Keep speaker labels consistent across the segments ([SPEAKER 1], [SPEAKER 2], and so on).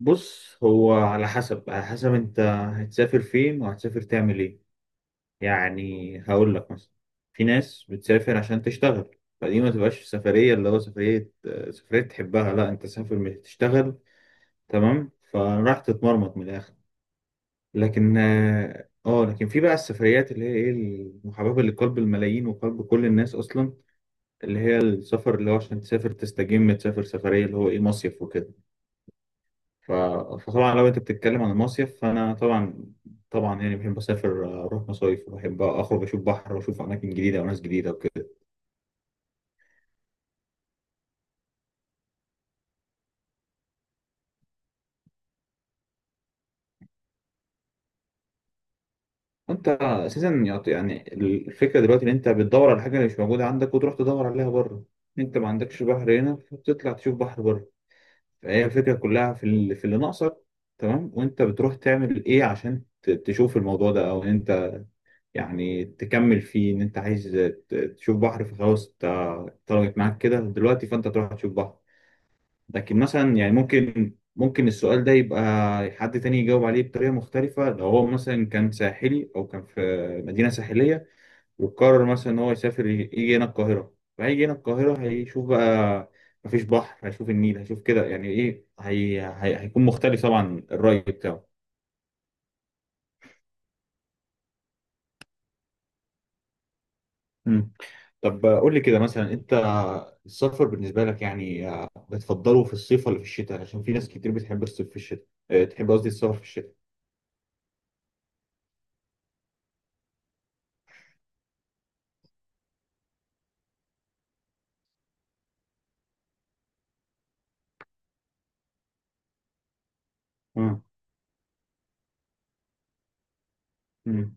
[SPEAKER 1] بص، هو على حسب انت هتسافر فين وهتسافر تعمل ايه؟ يعني هقول لك مثلا، في ناس بتسافر عشان تشتغل. فدي ما تبقاش سفرية، اللي هو سفرية تحبها. لا، انت سافر مش تشتغل، تمام؟ فراح تتمرمط من الاخر. لكن اه آه، لكن في بقى السفريات اللي هي ايه المحببة لقلب الملايين وقلب كل الناس اصلا، اللي هي السفر، اللي هو عشان تسافر تستجم، تسافر سفرية اللي هو ايه مصيف وكده. ف- فطبعا لو انت بتتكلم عن المصيف فانا طبعا طبعا، يعني بحب اسافر، اروح مصايف، وبحب اخرج اشوف بحر واشوف اماكن جديده وناس جديده وكده. انت اساسا يعني الفكره دلوقتي ان انت بتدور على حاجه اللي مش موجوده عندك وتروح تدور عليها بره. انت ما عندكش بحر هنا فبتطلع تشوف بحر بره. فهي الفكره كلها في اللي ناقصك. تمام، وانت بتروح تعمل ايه عشان تشوف الموضوع ده؟ او ان انت يعني تكمل فيه ان انت عايز تشوف بحر، فخلاص طلبت معاك كده دلوقتي فانت تروح تشوف بحر. لكن مثلا يعني ممكن السؤال ده يبقى حد تاني يجاوب عليه بطريقة مختلفة، لو هو مثلا كان ساحلي أو كان في مدينة ساحلية، وقرر مثلا إن هو يسافر يجي هنا القاهرة. فهيجي هنا القاهرة، هيشوف بقى مفيش بحر، هيشوف النيل، هيشوف كده، يعني إيه هيكون مختلف طبعا الرأي بتاعه. مم. طب قول لي كده مثلا، أنت السفر بالنسبة لك يعني بتفضله في الصيف ولا في الشتاء؟ عشان في ناس كتير بتحب الصيف، في الشتاء تحب، قصدي، السفر في الشتاء. اه. مم.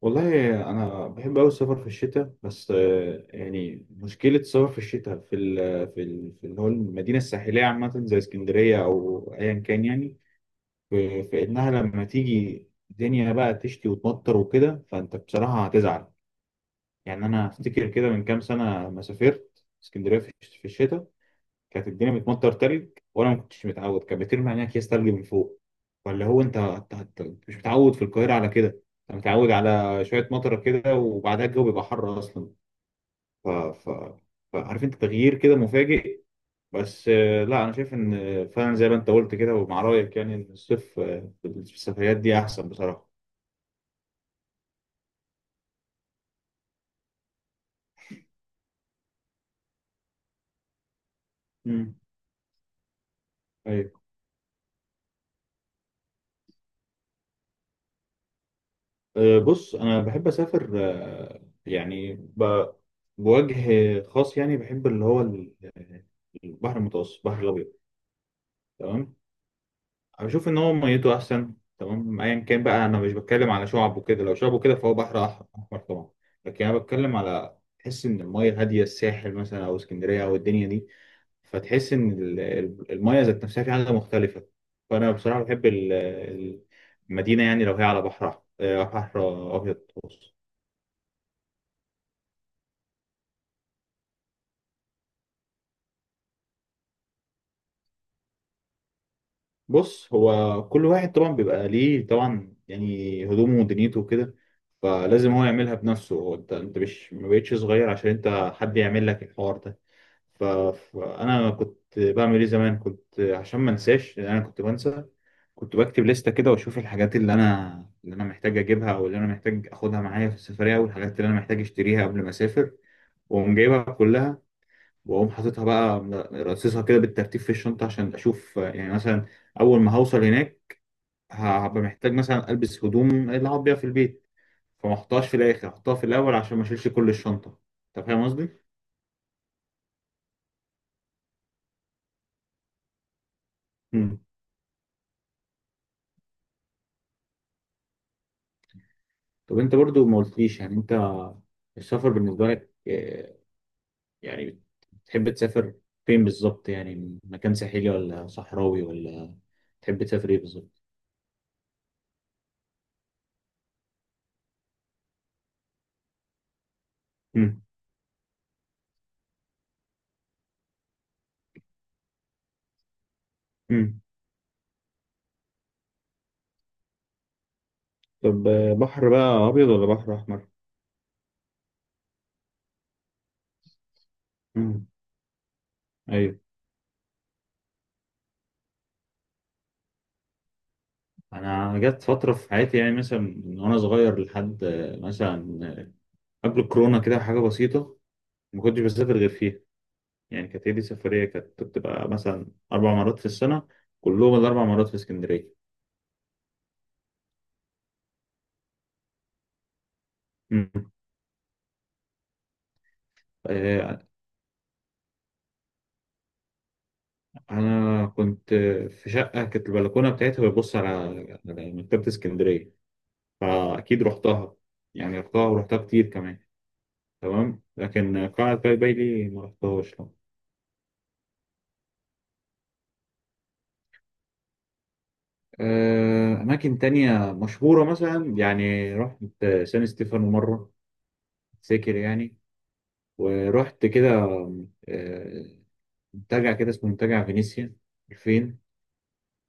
[SPEAKER 1] والله انا بحب قوي السفر في الشتاء، بس يعني مشكله السفر في الشتاء في اللي هو المدينه الساحليه عامه زي اسكندريه او ايا كان، يعني في انها لما تيجي الدنيا بقى تشتي وتمطر وكده فانت بصراحه هتزعل. يعني انا افتكر كده من كام سنه لما سافرت اسكندريه في الشتاء، كانت الدنيا بتمطر تلج، وانا ما كنتش متعود، كانت بترمي علينا اكياس تلج من فوق. فاللي هو انت أنت مش متعود في القاهره على كده. انت متعود على شويه مطره كده وبعدها الجو بيبقى حر اصلا. ف... ف... فعارف انت تغيير كده مفاجئ. بس لا، انا شايف ان فعلا زي ما انت قلت كده، ومع رايك يعني، ان الصيف في السفريات دي احسن بصراحه. امم. بص انا بحب اسافر، يعني بوجه خاص، يعني بحب اللي هو البحر المتوسط، البحر الابيض. تمام. بشوف ان هو ميته احسن، تمام، ايا كان بقى. انا مش بتكلم على شعب وكده، لو شعب وكده فهو بحر احمر طبعا. لكن انا بتكلم على تحس ان الميه هاديه، الساحل مثلا او اسكندريه او الدنيا دي، فتحس ان الميه ذات نفسها في حاجه مختلفه. فانا بصراحه بحب المدينه، يعني لو هي على بحرها، بحر ابيض. بص، هو كل واحد طبعا بيبقى ليه طبعا، يعني هدومه ودنيته وكده، فلازم هو يعملها بنفسه هو. انت مش ما بقتش صغير عشان انت حد يعمل لك الحوار ده. ف- فانا كنت بعمل ايه زمان؟ كنت عشان ما انساش، لان انا كنت بنسى، كنت بكتب لستة كده واشوف الحاجات اللي انا محتاج اجيبها، او اللي انا محتاج اخدها معايا في السفرية، والحاجات اللي انا محتاج اشتريها قبل ما اسافر. واقوم جايبها كلها، واقوم حاططها بقى، رصصها كده بالترتيب في الشنطه عشان اشوف، يعني مثلا، اول ما هوصل هناك هبقى محتاج مثلا البس هدوم اللي هقعد بيها في البيت، فما احطهاش في الاخر، احطها في الاول عشان ما اشيلش كل الشنطه. انت فاهم قصدي؟ مم. طب انت برضو ما قلتليش، يعني انت السفر بالنسبه لك يعني بتحب تسافر فين بالظبط؟ يعني مكان ساحلي ولا صحراوي ولا تحب تسافر ايه بالظبط؟ مم. مم. طب بحر بقى ابيض ولا بحر احمر؟ امم. انا جت فتره في حياتي، يعني مثلا من وانا صغير لحد مثلا قبل الكورونا كده حاجه بسيطه ما كنتش بسافر غير فيها. يعني كانت هي دي سفريه، كانت بتبقى مثلا اربع مرات في السنه، كلهم الاربع مرات في اسكندريه. مم. آه، انا كنت في شقه كانت البلكونه بتاعتها بتبص على مكتبه اسكندريه، فاكيد رحتها، يعني رحتها ورحتها كتير كمان. تمام، لكن قلعه قايتباي دي ما رحتهاش. أماكن تانية مشهورة مثلا، يعني رحت سان ستيفانو مرة، فاكر يعني، ورحت كده آه، منتجع كده اسمه منتجع فينيسيا 2000.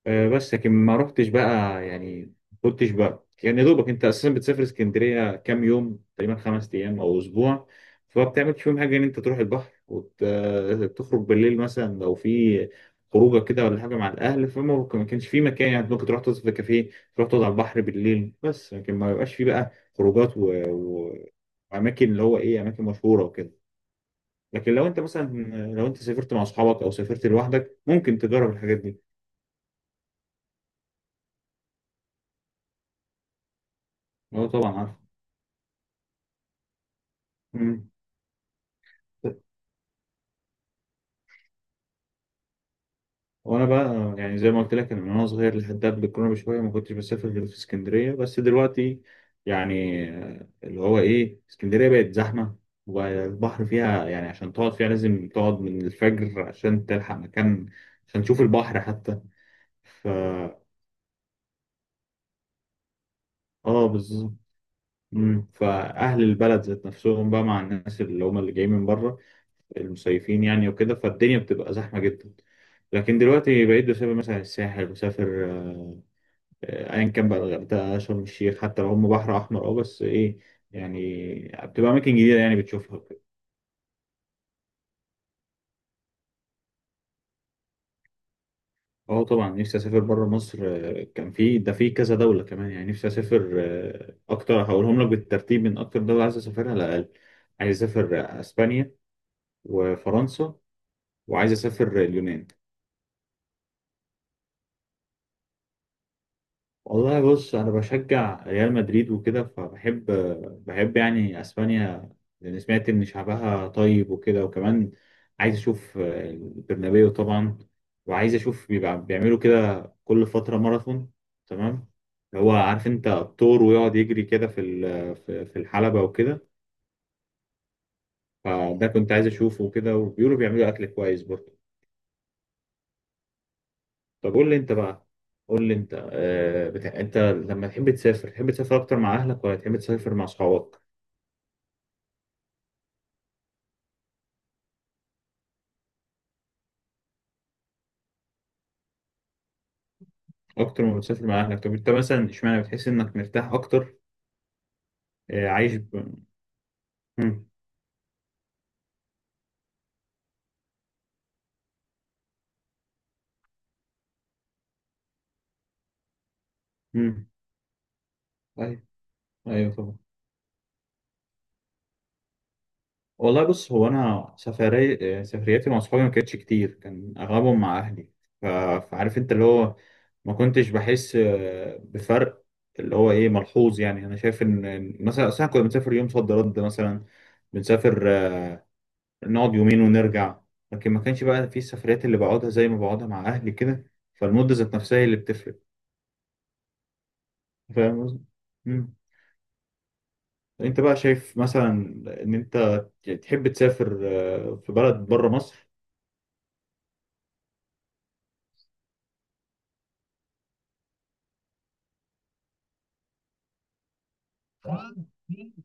[SPEAKER 1] بس لكن ما رحتش بقى، يعني كنتش بقى، يعني يا دوبك، انت اساسا بتسافر اسكندريه كام يوم تقريبا؟ خمس ايام او اسبوع، فما بتعملش فيهم حاجه ان انت تروح البحر وتخرج بالليل مثلا لو في خروجه كده ولا حاجه مع الاهل، فما ما كانش في مكان يعني ممكن تروح تقعد في كافيه، تروح تقعد على البحر بالليل، بس لكن ما بيبقاش في بقى خروجات و... واماكن اللي هو ايه اماكن مشهوره وكده. لكن لو انت مثلا، لو انت سافرت مع اصحابك او سافرت لوحدك ممكن تجرب الحاجات دي. اه، طبعا، عارف. وانا بقى أنا يعني زي ما قلت لك، انا من وانا صغير لحد قبل الكورونا بشويه ما كنتش بسافر غير في اسكندريه، بس دلوقتي يعني اللي هو ايه، اسكندريه بقت زحمه، والبحر فيها يعني عشان تقعد فيها لازم تقعد من الفجر عشان تلحق مكان عشان تشوف البحر حتى. ف اه بالظبط. مم. فاهل البلد ذات نفسهم بقى مع الناس اللي هم اللي جايين من بره، المصيفين يعني وكده، فالدنيا بتبقى زحمه جدا. لكن دلوقتي بقيت بسافر مثلا الساحل، بسافر ايا كان بقى، الغردقه، شرم الشيخ، حتى لو هم بحر احمر، اه، بس ايه، يعني بتبقى اماكن جديده يعني بتشوفها وكده. اه طبعا، نفسي اسافر بره مصر، كان في ده في كذا دوله كمان، يعني نفسي اسافر اكتر، هقولهم لك بالترتيب من اكتر دوله عايز اسافرها على الاقل. عايز اسافر اسبانيا وفرنسا، وعايز اسافر اليونان. والله بص، انا بشجع ريال مدريد وكده، فبحب يعني اسبانيا، لان سمعت ان شعبها طيب وكده، وكمان عايز اشوف البرنابيو طبعا، وعايز اشوف بيبقى بيعملوا كده كل فتره ماراثون، تمام، هو عارف انت الطور ويقعد يجري كده في ال- في في الحلبه وكده، فده كنت عايز اشوفه وكده، وبيقولوا بيعملوا اكل كويس برضه. طب قول لي انت بقى، قول لي انت آه، بتاع، انت لما تحب تسافر تحب تسافر اكتر مع اهلك ولا تحب تسافر مع اصحابك؟ اكتر ما بتسافر مع اهلك؟ طب انت مثلا، اشمعنى بتحس انك مرتاح اكتر؟ عايش مم. مم. ايوه، ايوه طبعا. والله بص، هو انا سفرياتي مع اصحابي ما كانتش كتير، كان اغلبهم مع اهلي. ف... فعارف انت اللي هو ما كنتش بحس بفرق اللي هو ايه ملحوظ، يعني انا شايف ان مثلا اصل احنا كنا بنسافر يوم صد رد مثلا، بنسافر نقعد يومين ونرجع. لكن ما كانش بقى في السفريات اللي بقعدها زي ما بقعدها مع اهلي كده، فالمدة ذات نفسها هي اللي بتفرق. فاهم قصدي؟ مم. انت بقى شايف مثلا ان انت تحب تسافر في بلد بره مصر؟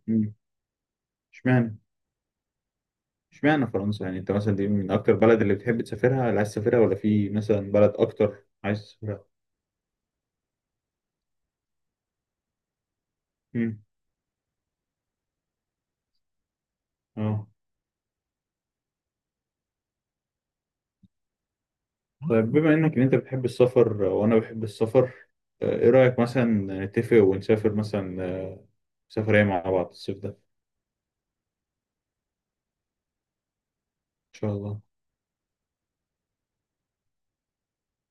[SPEAKER 1] مم. اشمعنى اشمعنى فرنسا؟ يعني انت مثلا دي من اكتر بلد اللي بتحب تسافرها، اللي عايز تسافرها، ولا في مثلا بلد اكتر عايز تسافرها؟ امم. اه. طيب بما انك ان انت بتحب السفر وانا بحب السفر، ايه رأيك مثلا نتفق ونسافر مثلا سفرية مع بعض الصيف ده، ان شاء الله.